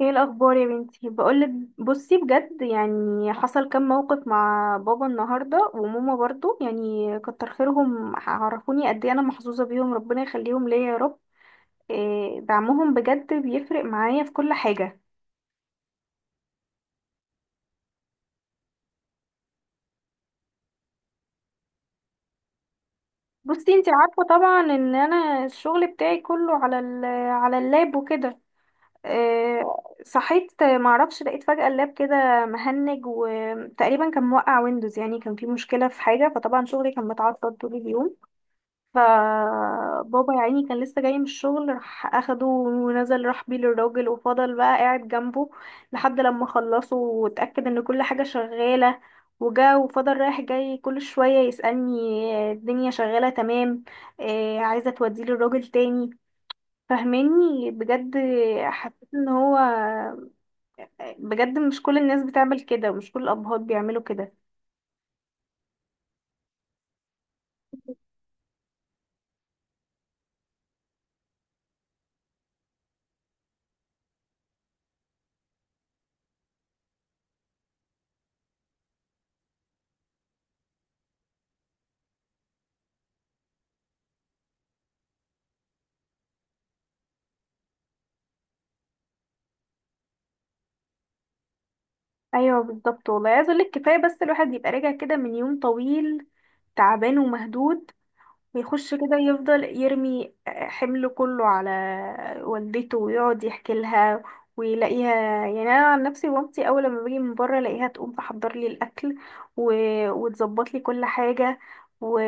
ايه الاخبار يا بنتي بقولك. بصي بجد يعني حصل كام موقف مع بابا النهارده وماما برضو، يعني كتر خيرهم عرفوني قد ايه انا محظوظه بيهم، ربنا يخليهم ليا يا رب. إيه، دعمهم بجد بيفرق معايا في كل حاجه. بصي انتي عارفه طبعا ان انا الشغل بتاعي كله على على اللاب وكده. إيه، صحيت معرفش لقيت فجاه اللاب كده مهنج، وتقريبا كان موقع ويندوز، يعني كان في مشكله في حاجه، فطبعا شغلي كان متعطل طول اليوم. فبابا يا عيني كان لسه جاي من الشغل، راح اخده ونزل راح بيه للراجل وفضل بقى قاعد جنبه لحد لما خلصه واتأكد ان كل حاجة شغالة. وجا وفضل رايح جاي كل شوية يسألني الدنيا شغالة تمام، عايزة توديه للراجل تاني. فهماني بجد، حسيت ان هو بجد مش كل الناس بتعمل كده، ومش كل الابهات بيعملوا كده. ايوه بالظبط والله، عايز اقولك كفايه بس الواحد يبقى راجع كده من يوم طويل، تعبان ومهدود، ويخش كده يفضل يرمي حمله كله على والدته ويقعد يحكي لها ويلاقيها. يعني انا عن نفسي مامتي اول لما باجي من بره الاقيها تقوم تحضر لي الاكل و... وتظبط لي كل حاجه و...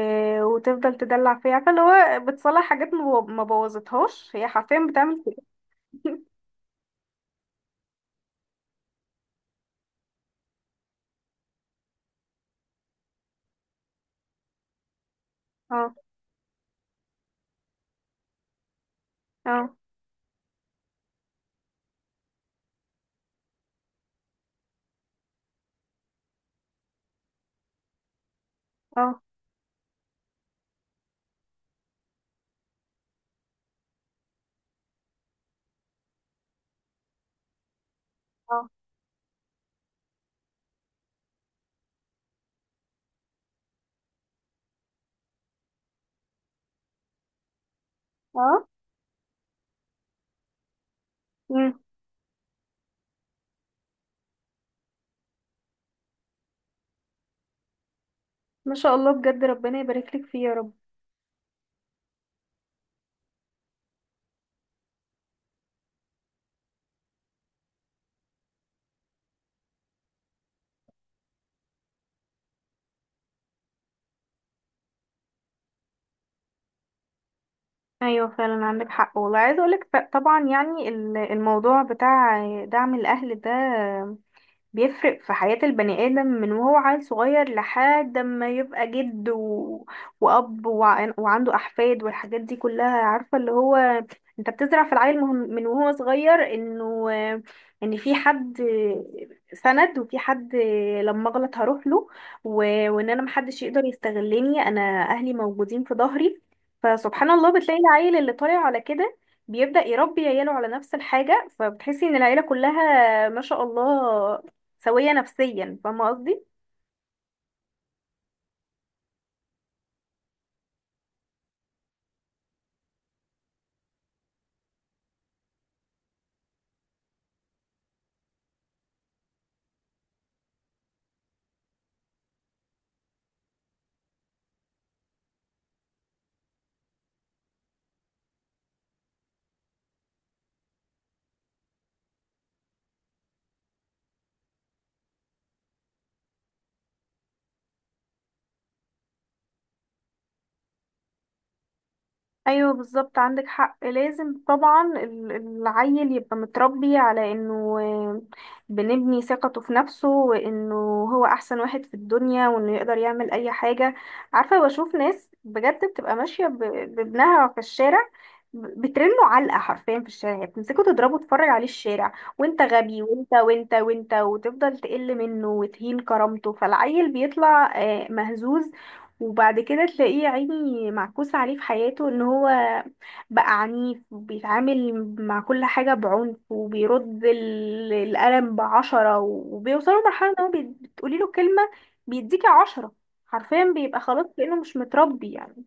وتفضل تدلع فيا، عارفه اللي هو بتصلح حاجات ما بوظتهاش، هي حرفيا بتعمل كده. اه اه اه اه اه. ما شاء الله بجد، ربنا يبارك لك فيه يا رب. ايوه فعلا عندك حق والله، عايزه اقولك طبعا يعني الموضوع بتاع دعم الاهل ده بيفرق في حياة البني آدم من وهو عيل صغير لحد ما يبقى جد وأب وعنده أحفاد، والحاجات دي كلها. عارفة اللي هو انت بتزرع في العيل من وهو صغير انه ان في حد سند، وفي حد لما اغلط هروح له، و... وان انا محدش يقدر يستغلني، انا اهلي موجودين في ظهري. فسبحان الله بتلاقي العيل اللي طالع على كده بيبدأ يربي عياله على نفس الحاجة، فبتحسي ان العيلة كلها ما شاء الله سوية نفسيا. فاهمة قصدي. ايوه بالظبط عندك حق. لازم طبعا العيل يبقى متربي على انه بنبني ثقته في نفسه، وانه هو احسن واحد في الدنيا، وانه يقدر يعمل اي حاجة. عارفة، بشوف ناس بجد بتبقى ماشية بابنها في الشارع، بترنه علقة حرفيا في الشارع، يعني بتمسكه تضربه تفرج عليه الشارع، وانت غبي وانت وانت وانت، وتفضل تقل منه وتهين كرامته، فالعيل بيطلع مهزوز. وبعد كده تلاقيه يا عيني معكوس عليه في حياته ان هو بقى عنيف، وبيتعامل مع كل حاجة بعنف، وبيرد القلم بعشرة، وبيوصلوا لمرحلة ان هو بتقولي له كلمة بيديكي عشرة، حرفيا بيبقى خلاص كأنه مش متربي يعني.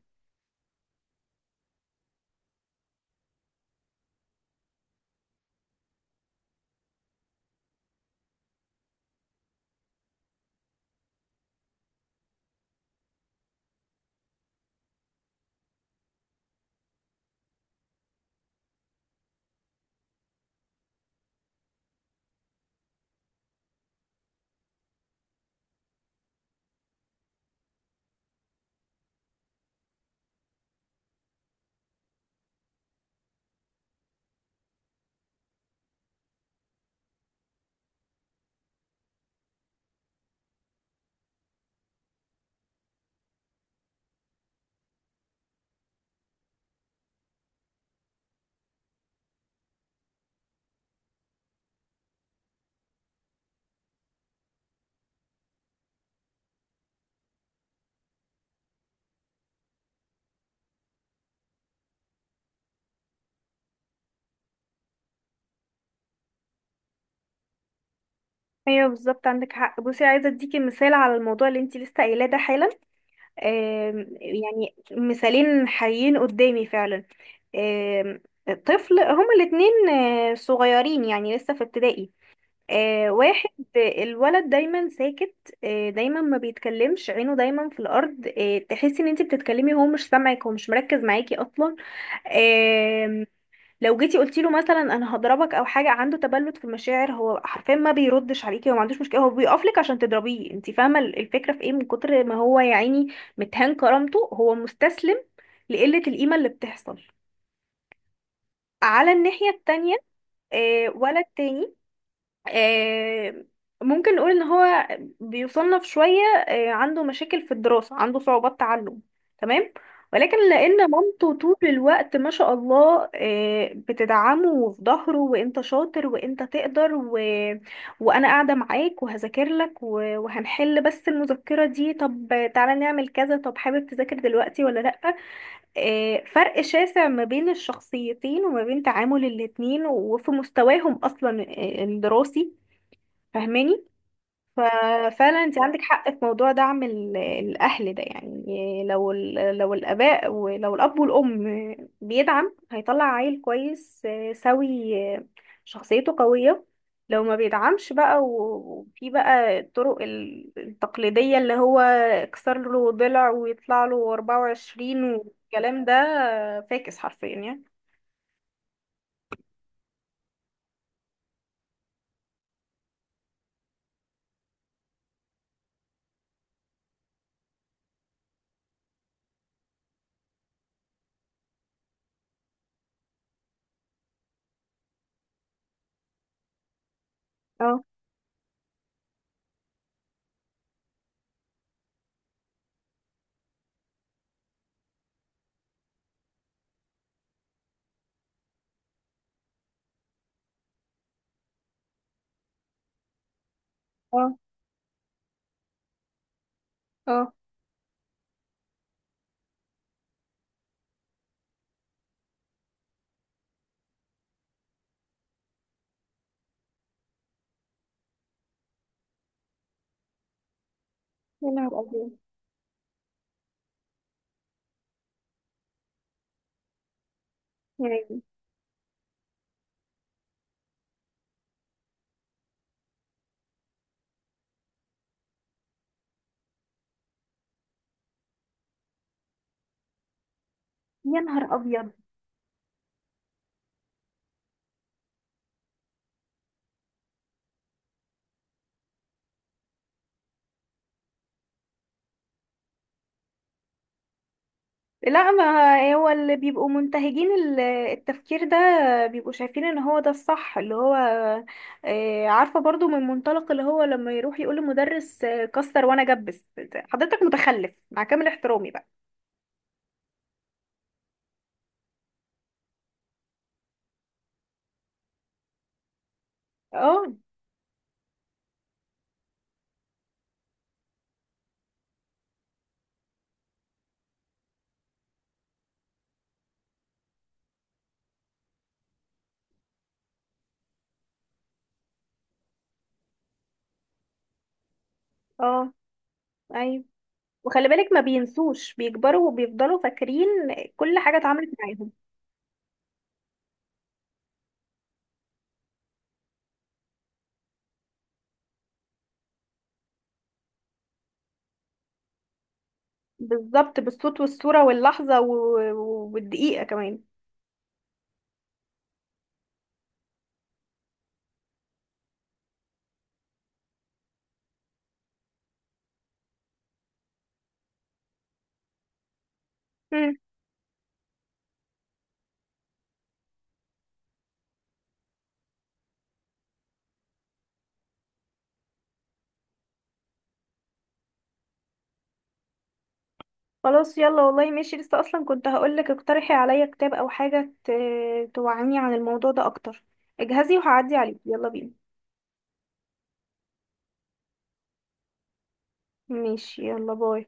ايوه بالظبط عندك حق. بصي عايزه اديكي مثال على الموضوع اللي انتي لسه قايلاه ده حالا. يعني مثالين حقيقيين قدامي فعلا. آم، طفل، هما الاتنين صغيرين يعني لسه في ابتدائي. آه واحد، الولد دايما ساكت، آه دايما ما بيتكلمش، عينه دايما في الارض، آه تحسي ان انت بتتكلمي هو مش سامعك، هو مش مركز معاكي اصلا. آه، لو جيتي قلتي له مثلا انا هضربك او حاجه، عنده تبلد في المشاعر، هو حرفيا ما بيردش عليكي، هو ما عندوش مشكله، هو بيقف لك عشان تضربيه. انت فاهمه الفكره في ايه؟ من كتر ما هو يا عيني متهان كرامته، هو مستسلم لقله القيمه اللي بتحصل. على الناحيه التانية، ولد تاني، آه، ممكن نقول ان هو بيصنف شوية، عنده مشاكل في الدراسة، عنده صعوبات تعلم، تمام. ولكن لان مامته طول الوقت ما شاء الله بتدعمه وفي ظهره، وانت شاطر وانت تقدر وانا قاعدة معاك وهذاكر لك وهنحل بس المذكرة دي، طب تعالى نعمل كذا، طب حابب تذاكر دلوقتي ولا لأ؟ فرق شاسع ما بين الشخصيتين، وما بين تعامل الاتنين، وفي مستواهم اصلا الدراسي. فاهماني. ففعلا انت عندك حق في موضوع دعم الاهل ده. يعني لو لو الاباء، ولو الاب والام بيدعم، هيطلع عيل كويس سوي، شخصيته قوية. لو ما بيدعمش بقى، وفي بقى الطرق التقليدية اللي هو اكسر له ضلع ويطلع له 24 والكلام ده، فاكس حرفيا يعني. اه اه اه. يا نهار ابيض. يعني يا نهار ابيض. لا، ما هو اللي بيبقوا منتهجين التفكير ده بيبقوا شايفين ان هو ده الصح، اللي هو عارفة برضو من منطلق اللي هو لما يروح يقول للمدرس كسر وانا جبس. حضرتك متخلف مع كامل احترامي بقى. اه اه. ايوه، وخلي بالك ما بينسوش، بيكبروا وبيفضلوا فاكرين كل حاجة اتعملت معاهم. بالظبط، بالصوت والصورة واللحظة والدقيقة كمان. خلاص يلا والله ماشي. لسه اصلا كنت هقولك اقترحي عليا كتاب او حاجة توعيني عن الموضوع ده اكتر. اجهزي وهعدي عليك، يلا بينا. ماشي يلا، باي.